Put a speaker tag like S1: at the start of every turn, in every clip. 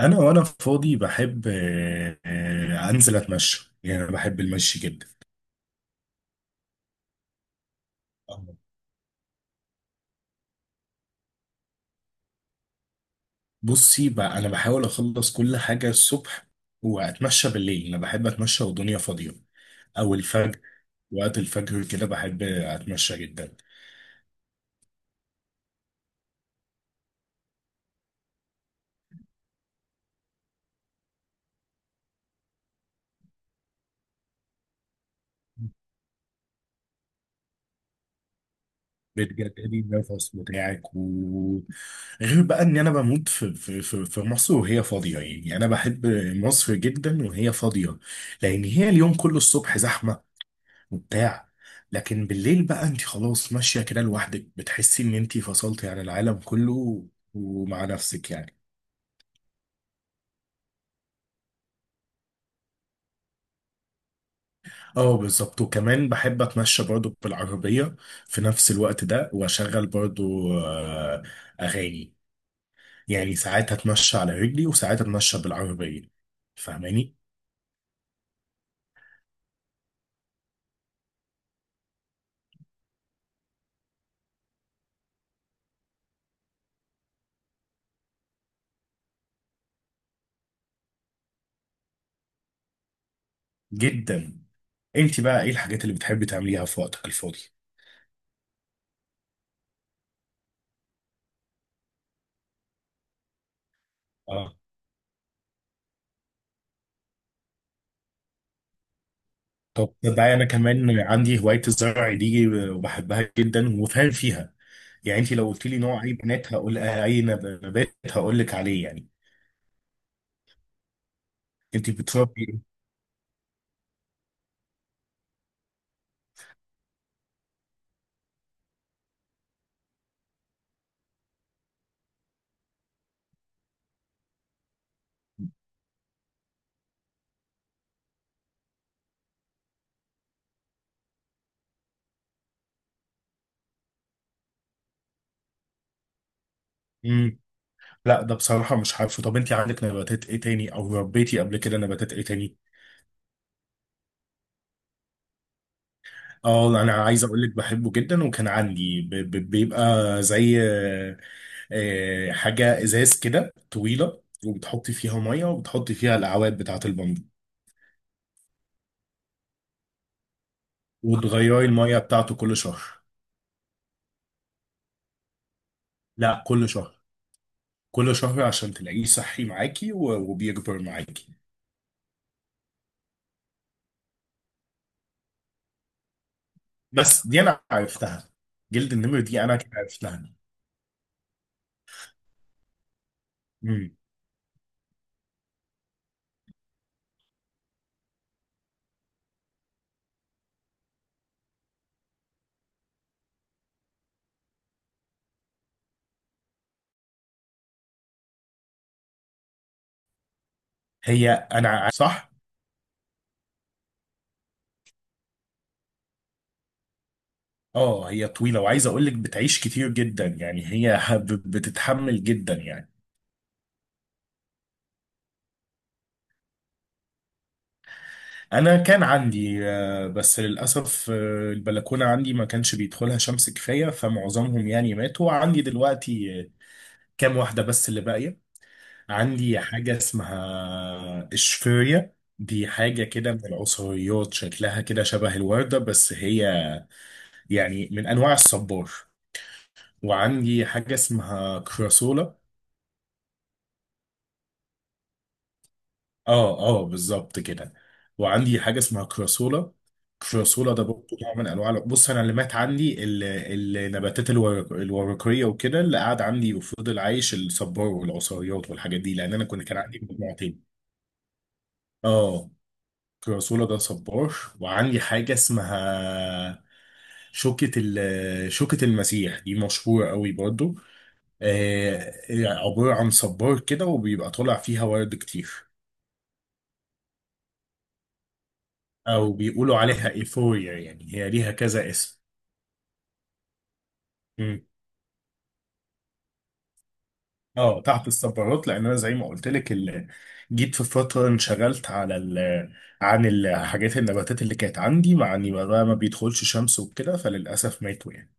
S1: انا وانا فاضي بحب انزل اتمشى، يعني انا بحب المشي جدا. بصي بقى، انا بحاول اخلص كل حاجه الصبح واتمشى بالليل. انا بحب اتمشى والدنيا فاضيه، او الفجر. وقت الفجر كده بحب اتمشى جدا بجد. قديمة الفصل بتاعك و... غير بقى ان انا بموت في مصر وهي فاضيه، يعني يعني انا بحب مصر جدا وهي فاضيه. لان هي اليوم كله الصبح زحمه وبتاع، لكن بالليل بقى انت خلاص ماشيه كده لوحدك، بتحسي ان انت فصلتي عن العالم كله ومع نفسك يعني. اه بالظبط. وكمان بحب اتمشى برضو بالعربيه في نفس الوقت ده، واشغل برضو اغاني. يعني ساعات هتمشى على رجلي وساعات هتمشى بالعربية، فاهماني؟ جدا. انت بقى ايه الحاجات اللي بتحبي تعمليها في وقتك الفاضي؟ اه، طب تصدقي انا كمان عندي هواية الزرع دي وبحبها جدا وفاهم فيها. يعني انت لو قلت لي نوع اي بنات هقول اي نبات هقول لك عليه يعني. انت بتربي ايه؟ مم. لا ده بصراحة مش عارفه. طب انت عندك نباتات ايه تاني، او ربيتي قبل كده نباتات ايه تاني؟ اه انا عايز اقول لك بحبه جدا، وكان عندي بيبقى زي حاجة ازاز كده طويلة، وبتحطي فيها مية وبتحطي فيها الاعواد بتاعة البامبو. وتغيري المية بتاعته كل شهر. لا، كل شهر. كل شهر عشان تلاقيه صحي معاكي وبيكبر معاكي. بس دي انا عرفتها. جلد النمر دي انا عرفتها. مم. هي انا صح. اه هي طويلة، وعايز اقول لك بتعيش كتير جدا. يعني هي بتتحمل جدا يعني. انا كان عندي بس للاسف، البلكونه عندي ما كانش بيدخلها شمس كفايه، فمعظمهم يعني ماتوا عندي دلوقتي. كام واحده بس اللي باقيه. عندي حاجه اسمها اشفيريا. دي حاجه كده من العصريات، شكلها كده شبه الورده، بس هي يعني من انواع الصبار. وعندي حاجه اسمها كراسولا. اه اه بالظبط كده. وعندي حاجه اسمها كراسولا. كراسولا ده برضه نوع من انواع، بص انا اللي مات عندي النباتات الورق الورقيه وكده. اللي قعد عندي وفضل عايش الصبار والعصاريات والحاجات دي، لان انا كنت كان عندي مجموعتين. اه كراسولا ده صبار. وعندي حاجه اسمها شوكة المسيح. دي مشهورة قوي برضو. آه، عبارة عن صبار كده وبيبقى طالع فيها ورد كتير. او بيقولوا عليها ايفوريا، يعني هي ليها كذا اسم. مم. اه تحت الصبارات، لان انا زي ما قلت لك جيت في فتره انشغلت على ال... عن الحاجات النباتات اللي كانت عندي، مع اني بقى ما بيدخلش شمس وكده، فللاسف ماتوا يعني.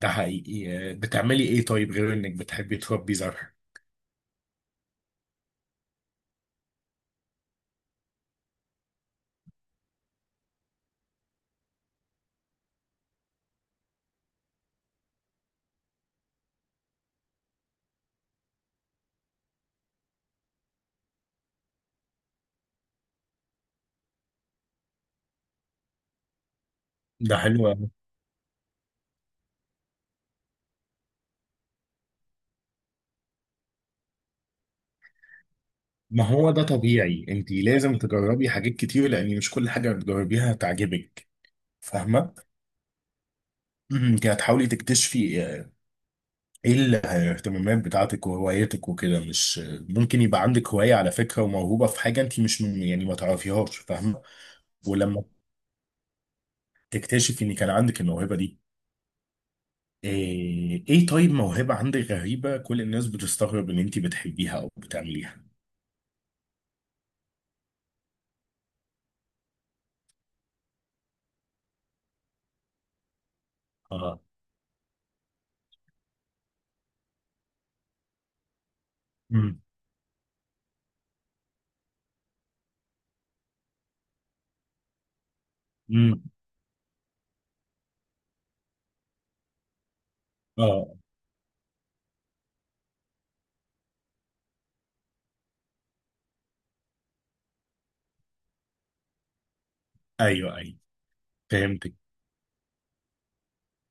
S1: ده حقيقي. بتعملي ايه طيب غير انك بتحبي تربي زرع؟ ده حلو أوي. ما هو ده طبيعي، انت لازم تجربي حاجات كتير، لان مش كل حاجه بتجربيها هتعجبك. فاهمه؟ انت هتحاولي تكتشفي ايه الاهتمامات بتاعتك وهوايتك وكده. مش ممكن يبقى عندك هواية على فكرة وموهوبة في حاجة انت مش يعني ما تعرفيهاش، فاهمة؟ ولما تكتشف ان كان عندك الموهبة دي. إيه طيب موهبة عندك غريبة كل الناس بتستغرب ان انت بتحبيها او بتعمليها؟ اه. امم. امم. اه. ايوه ايوه. فهمتك.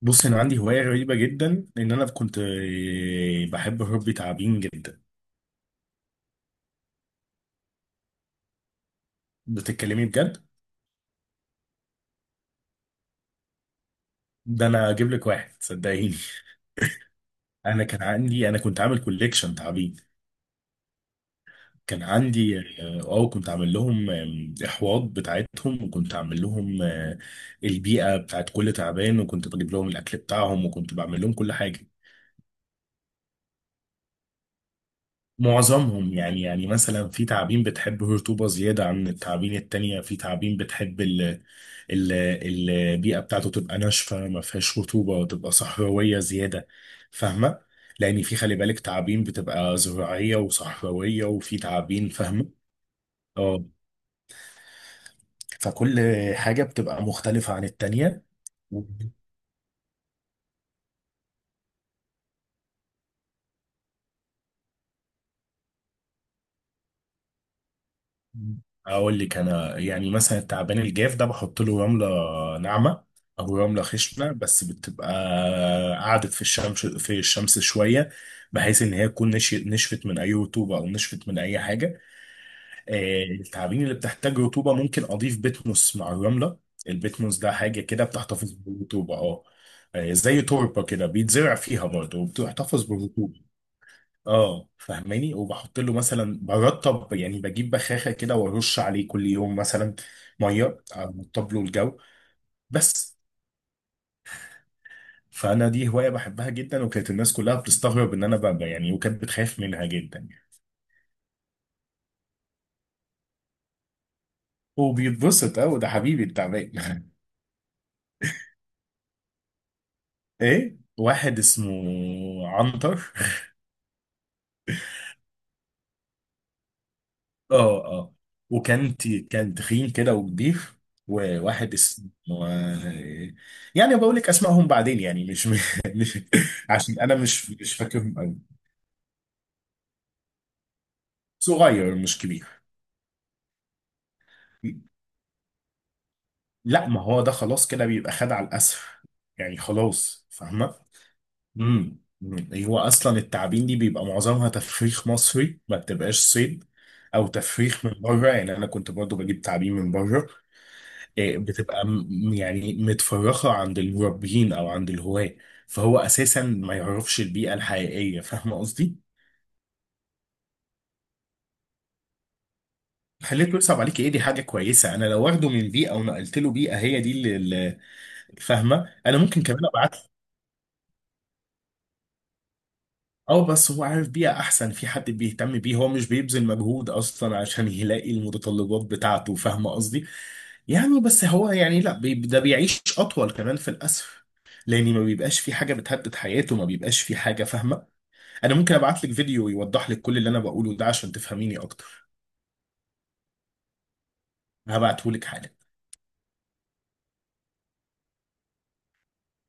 S1: بص انا عندي هواية غريبة جدا، ان انا كنت بحب ربي تعابين جدا. بتتكلمي بجد. ده انا اجيب لك واحد، صدقيني. انا كان عندي انا كنت عامل كوليكشن تعابين. كان عندي اه، كنت عامل لهم احواض بتاعتهم، وكنت عامل لهم البيئه بتاعت كل تعبان، وكنت بجيب لهم الاكل بتاعهم، وكنت بعمل لهم كل حاجه. معظمهم يعني، يعني مثلا في تعابين بتحب الرطوبة زيادة عن التعابين التانية، في تعابين بتحب ال البيئة بتاعته تبقى ناشفة ما فيهاش رطوبة، وتبقى صحراوية زيادة، فاهمة؟ لأن في خلي بالك تعابين بتبقى زراعية وصحراوية، وفي تعابين، فاهمة؟ اه. فكل حاجة بتبقى مختلفة عن التانية. اقول لك انا، يعني مثلا التعبان الجاف ده بحط له رمله ناعمه، او رمله خشنه، بس بتبقى قعدت في الشمس في الشمس شويه، بحيث ان هي تكون نشفت من اي رطوبه او نشفت من اي حاجه. التعابين اللي بتحتاج رطوبه ممكن اضيف بيتموس مع الرمله. البيتموس ده حاجه كده بتحتفظ بالرطوبه، اه. زي تربه كده بيتزرع فيها برضه وبتحتفظ بالرطوبه. اه، فاهماني؟ وبحط له مثلا برطب يعني، بجيب بخاخه كده وارش عليه كل يوم مثلا ميه، ارطب له الجو بس. فانا دي هوايه بحبها جدا، وكانت الناس كلها بتستغرب ان انا بقى يعني، وكانت بتخاف منها جدا يعني. وبيتبسط، اه، ده حبيبي التعبان. ايه، واحد اسمه عنتر. اه اه. وكان كان تخين كده وكبير. وواحد اسمه آه، يعني بقول لك اسمائهم بعدين يعني، مش مش عشان انا مش مش فاكرهم قوي. صغير مش كبير. لا ما هو ده خلاص كده بيبقى خد على الاسف، يعني خلاص فاهمه. امم. هو اصلا التعابين دي بيبقى معظمها تفريخ مصري، ما بتبقاش صيد، او تفريخ من بره. يعني انا كنت برضو بجيب تعابين من بره. بتبقى يعني متفرخة عند المربيين أو عند الهواة، فهو أساسا ما يعرفش البيئة الحقيقية، فاهمة قصدي؟ خليته يصعب عليك ايه، دي حاجة كويسة. أنا لو واخده من بيئة ونقلت له بيئة هي دي اللي اللي، فاهمة؟ أنا ممكن كمان أبعت له. أه بس هو عارف بيئة أحسن، في حد بيهتم بيه، هو مش بيبذل مجهود أصلا عشان يلاقي المتطلبات بتاعته، فاهمة قصدي؟ يعني بس هو يعني، لا ده بيعيش أطول كمان في الأسف، لأن ما بيبقاش في حاجة بتهدد حياته، ما بيبقاش في حاجة، فاهمة؟ انا ممكن ابعت لك فيديو يوضح لك كل اللي انا بقوله ده عشان تفهميني اكتر. هبعته لك حالا.